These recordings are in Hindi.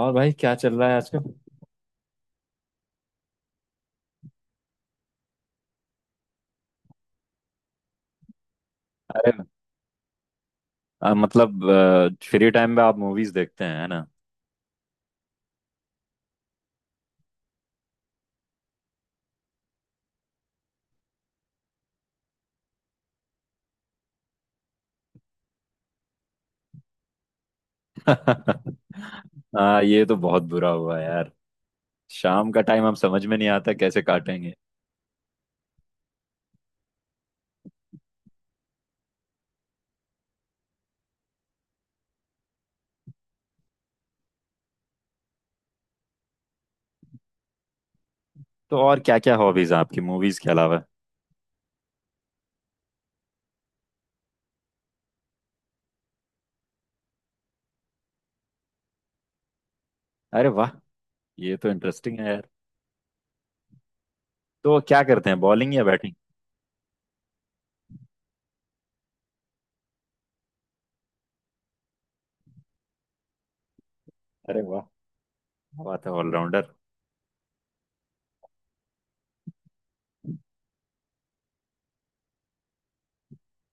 और भाई क्या चल रहा है आजकल। अरे, मतलब फ्री टाइम में आप मूवीज देखते हैं, है ना। हाँ, ये तो बहुत बुरा हुआ यार। शाम का टाइम हम समझ में नहीं आता कैसे काटेंगे। तो और क्या क्या हॉबीज हैं आपकी मूवीज के अलावा। अरे वाह, ये तो इंटरेस्टिंग है यार। तो क्या करते हैं, बॉलिंग या बैटिंग। अरे वाह, क्या बात है, ऑलराउंडर।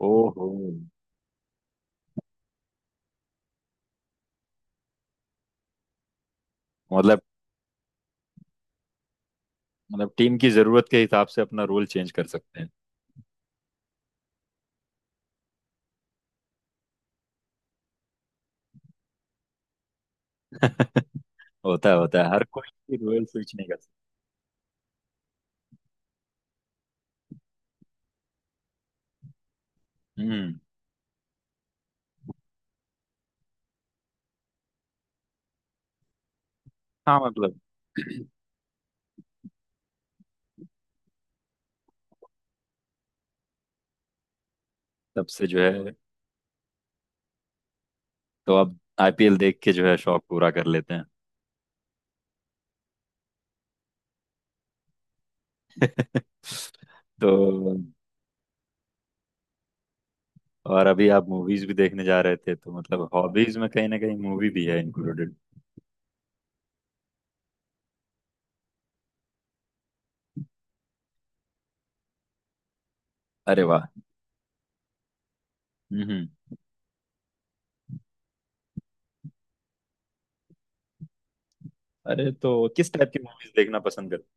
ओहो। मतलब मतलब टीम की जरूरत के हिसाब से अपना रोल चेंज कर सकते हैं। होता है होता है, हर कोई रोल स्विच नहीं कर सकता। हम्म। हाँ मतलब। तब से जो है। तो अब आईपीएल देख के जो है शौक पूरा कर लेते हैं। तो और अभी आप मूवीज भी देखने जा रहे थे, तो मतलब हॉबीज में कहीं ना कहीं मूवी भी है इंक्लूडेड। अरे वाह। हम्म। अरे, तो किस टाइप की मूवीज देखना पसंद करते।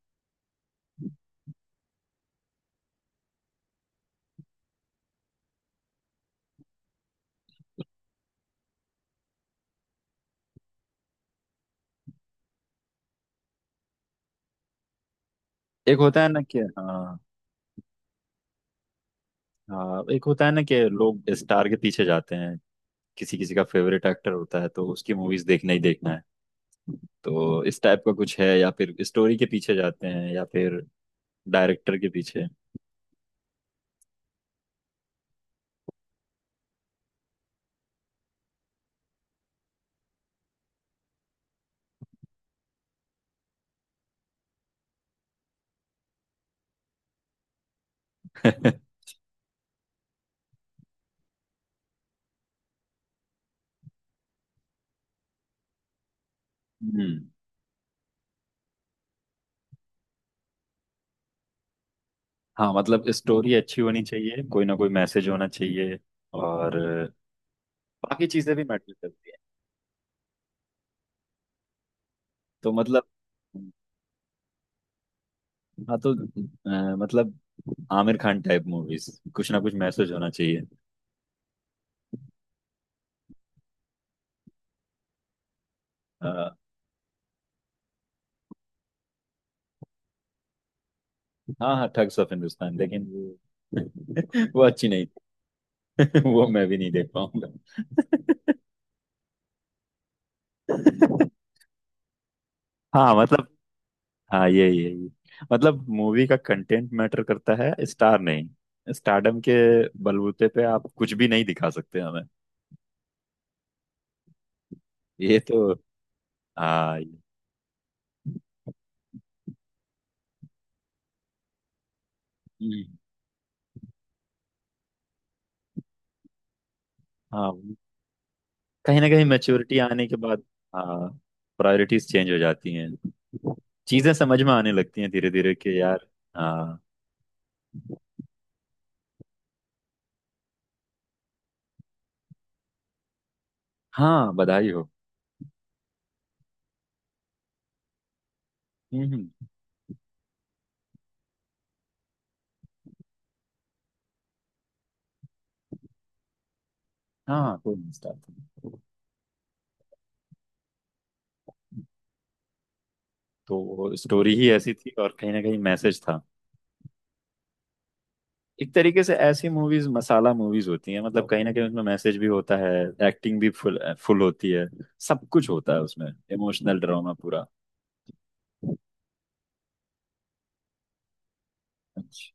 एक होता है ना कि, हाँ हाँ, एक होता है ना कि लोग स्टार के पीछे जाते हैं। किसी किसी का फेवरेट एक्टर होता है तो उसकी मूवीज देखना ही देखना है। तो इस टाइप का कुछ है, या फिर स्टोरी के पीछे जाते हैं, या फिर डायरेक्टर के पीछे। हम्म। हाँ मतलब स्टोरी अच्छी होनी चाहिए, कोई ना कोई मैसेज होना चाहिए। और बाकी चीजें भी मैटर करती हैं। तो मतलब, हाँ तो, मतलब आमिर खान टाइप मूवीज, कुछ ना कुछ मैसेज होना चाहिए। अ, हाँ हाँ, ठग्स ऑफ हिंदुस्तान, लेकिन वो, वो अच्छी नहीं थी। वो मैं भी नहीं देख पाऊंगा। हाँ मतलब, हाँ ये, मतलब मूवी का कंटेंट मैटर करता है, स्टार नहीं। स्टारडम के बलबूते पे आप कुछ भी नहीं दिखा सकते। ये तो, हाँ ये-, हाँ कहीं ना कहीं मैच्योरिटी आने के बाद, हाँ, प्रायोरिटीज चेंज हो जाती हैं। चीजें समझ में आने लगती हैं धीरे धीरे कि यार, हाँ। हाँ, बधाई हो। हम्म। हाँ, कोई नहीं स्टार्ट। तो स्टोरी ही ऐसी थी और कहीं ना कहीं मैसेज था। एक तरीके से ऐसी मूवीज मसाला मूवीज होती हैं, मतलब कहीं ना कहीं उसमें मैसेज भी होता है, एक्टिंग भी फुल फुल होती है, सब कुछ होता है उसमें, इमोशनल ड्रामा पूरा। अच्छा।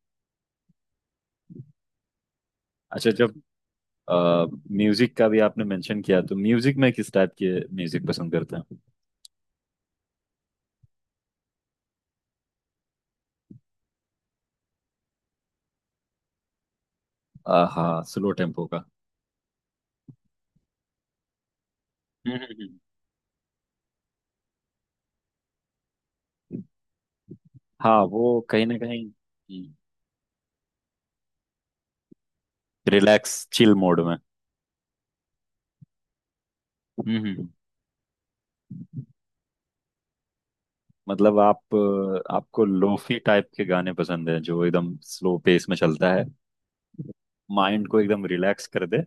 अच्छा, जब म्यूजिक का भी आपने मेंशन किया, तो म्यूजिक में किस टाइप के म्यूजिक पसंद करते हैं। हाँ, स्लो टेम्पो का। हम्म। हाँ वो कहीं ना कहीं, हम्म। रिलैक्स चिल मोड में। हम्म। मतलब आप आपको लोफी टाइप के गाने पसंद है जो एकदम स्लो पेस में चलता है, माइंड को एकदम रिलैक्स कर दे।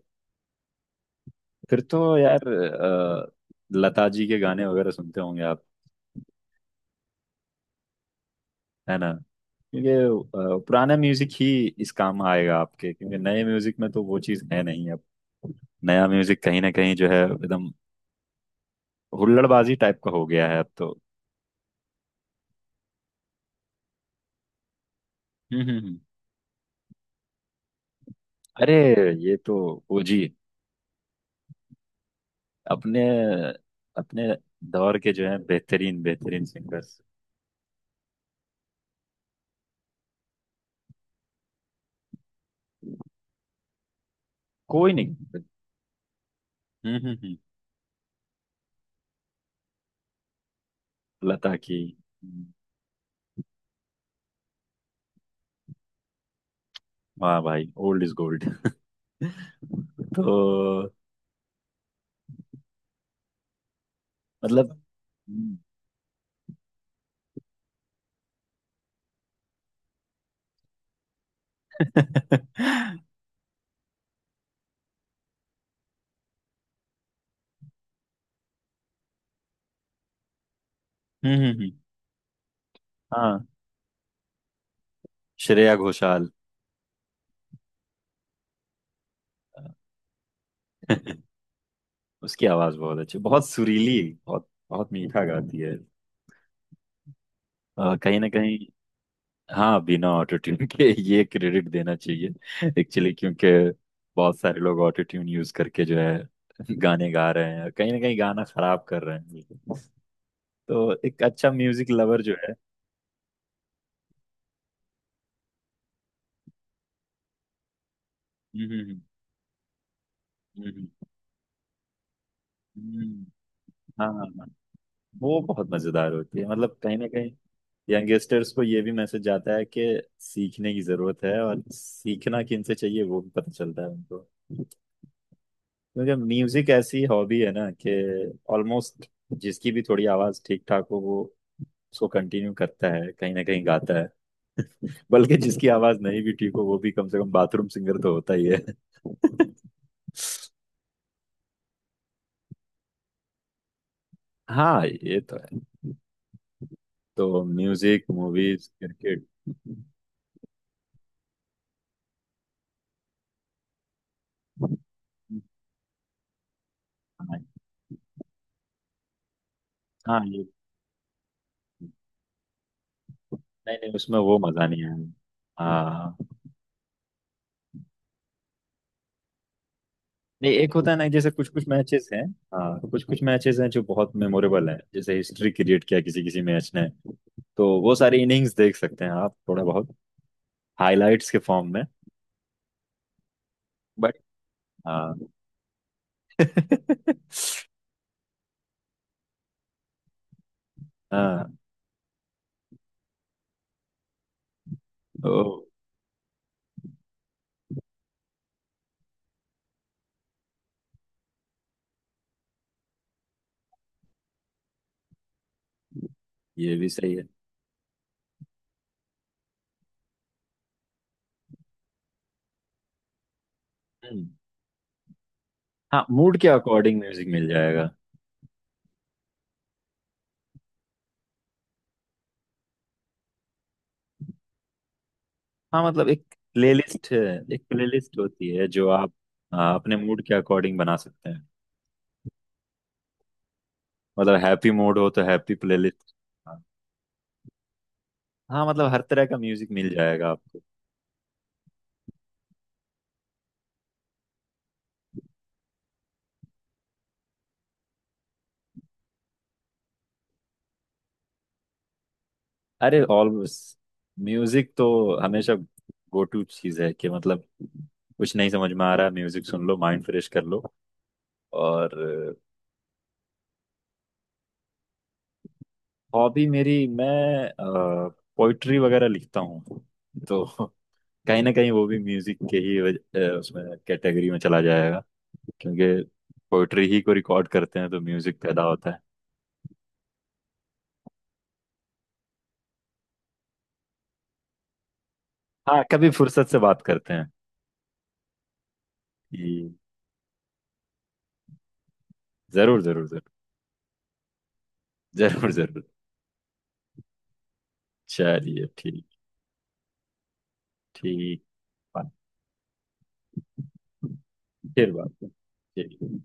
फिर तो यार, लता जी के गाने वगैरह सुनते होंगे आप, है ना। ये पुराना म्यूजिक ही इस काम आएगा आपके, क्योंकि नए म्यूजिक में तो वो चीज़ है नहीं अब। नया म्यूजिक कहीं ना कहीं जो है एकदम हुल्लड़बाजी टाइप का हो गया है अब तो। हम्म हम्म हम्म। अरे, ये तो ओजी, अपने अपने दौर के जो है बेहतरीन बेहतरीन सिंगर्स। कोई नहीं। हम्म हम्म हम्म। लता की। हम्म। वाह भाई, ओल्ड इज गोल्ड। तो मतलब, हम्म। हम्म हम्म, हम्म। हाँ, श्रेया घोषाल। उसकी आवाज बहुत अच्छी, बहुत सुरीली, बहुत बहुत मीठा गाती है। कहीं ना कहीं, हाँ, बिना ऑटो ट्यून के, ये क्रेडिट देना चाहिए एक्चुअली। क्योंकि बहुत सारे लोग ऑटो ट्यून यूज करके जो है गाने गा रहे हैं, कहीं ना कहीं गाना खराब कर रहे हैं बिल्कुल। तो एक अच्छा म्यूजिक लवर जो है। हम्म हम्म हम्म, हम्म। हाँ हाँ, वो बहुत मजेदार होती है, मतलब कहीं ना कहीं यंगस्टर्स को ये भी मैसेज जाता है कि सीखने की जरूरत है, और सीखना किन से चाहिए वो भी पता चलता है उनको। क्योंकि म्यूजिक ऐसी हॉबी है ना कि ऑलमोस्ट जिसकी भी थोड़ी आवाज ठीक ठाक हो वो उसको कंटिन्यू करता है, कहीं ना कहीं गाता है। बल्कि जिसकी आवाज नहीं भी ठीक हो वो भी कम से कम बाथरूम सिंगर तो होता ही है। हाँ ये तो है। तो म्यूजिक, मूवीज, क्रिकेट। हाँ, हाँ, ये, नहीं नहीं, उसमें वो मजा नहीं है। हाँ, नहीं एक होता है ना, जैसे कुछ कुछ मैचेस हैं। हाँ, तो कुछ कुछ मैचेस हैं जो बहुत मेमोरेबल है, जैसे हिस्ट्री क्रिएट किया किसी किसी मैच ने। तो वो सारी इनिंग्स देख सकते हैं आप थोड़ा बहुत, हाइलाइट्स के फॉर्म में। बट, हाँ। हाँ। ओ। ये भी सही है। हम्म। हाँ, मूड के अकॉर्डिंग म्यूजिक मिल जाएगा। हाँ, मतलब एक प्लेलिस्ट है। एक प्लेलिस्ट होती है जो आप, हाँ, अपने मूड के अकॉर्डिंग बना सकते हैं। मतलब हैप्पी मूड हो तो हैप्पी प्लेलिस्ट। हाँ, मतलब हर तरह का म्यूजिक मिल जाएगा आपको। अरे ऑलवेज, म्यूजिक तो हमेशा गो टू चीज है कि, मतलब कुछ नहीं समझ में आ रहा, म्यूजिक सुन लो, माइंड फ्रेश कर लो। और हॉबी मेरी, मैं पोइट्री वगैरह लिखता हूँ। तो कहीं ना कहीं वो भी म्यूजिक के ही उसमें कैटेगरी में चला जाएगा। क्योंकि पोइट्री ही को रिकॉर्ड करते हैं तो म्यूजिक पैदा होता है। हाँ, कभी फुर्सत से बात करते हैं कि, जरूर जरूर जरूर। जरूर जरूर। चलिए ठीक। ठीक। बात, फिर बात। ठीक।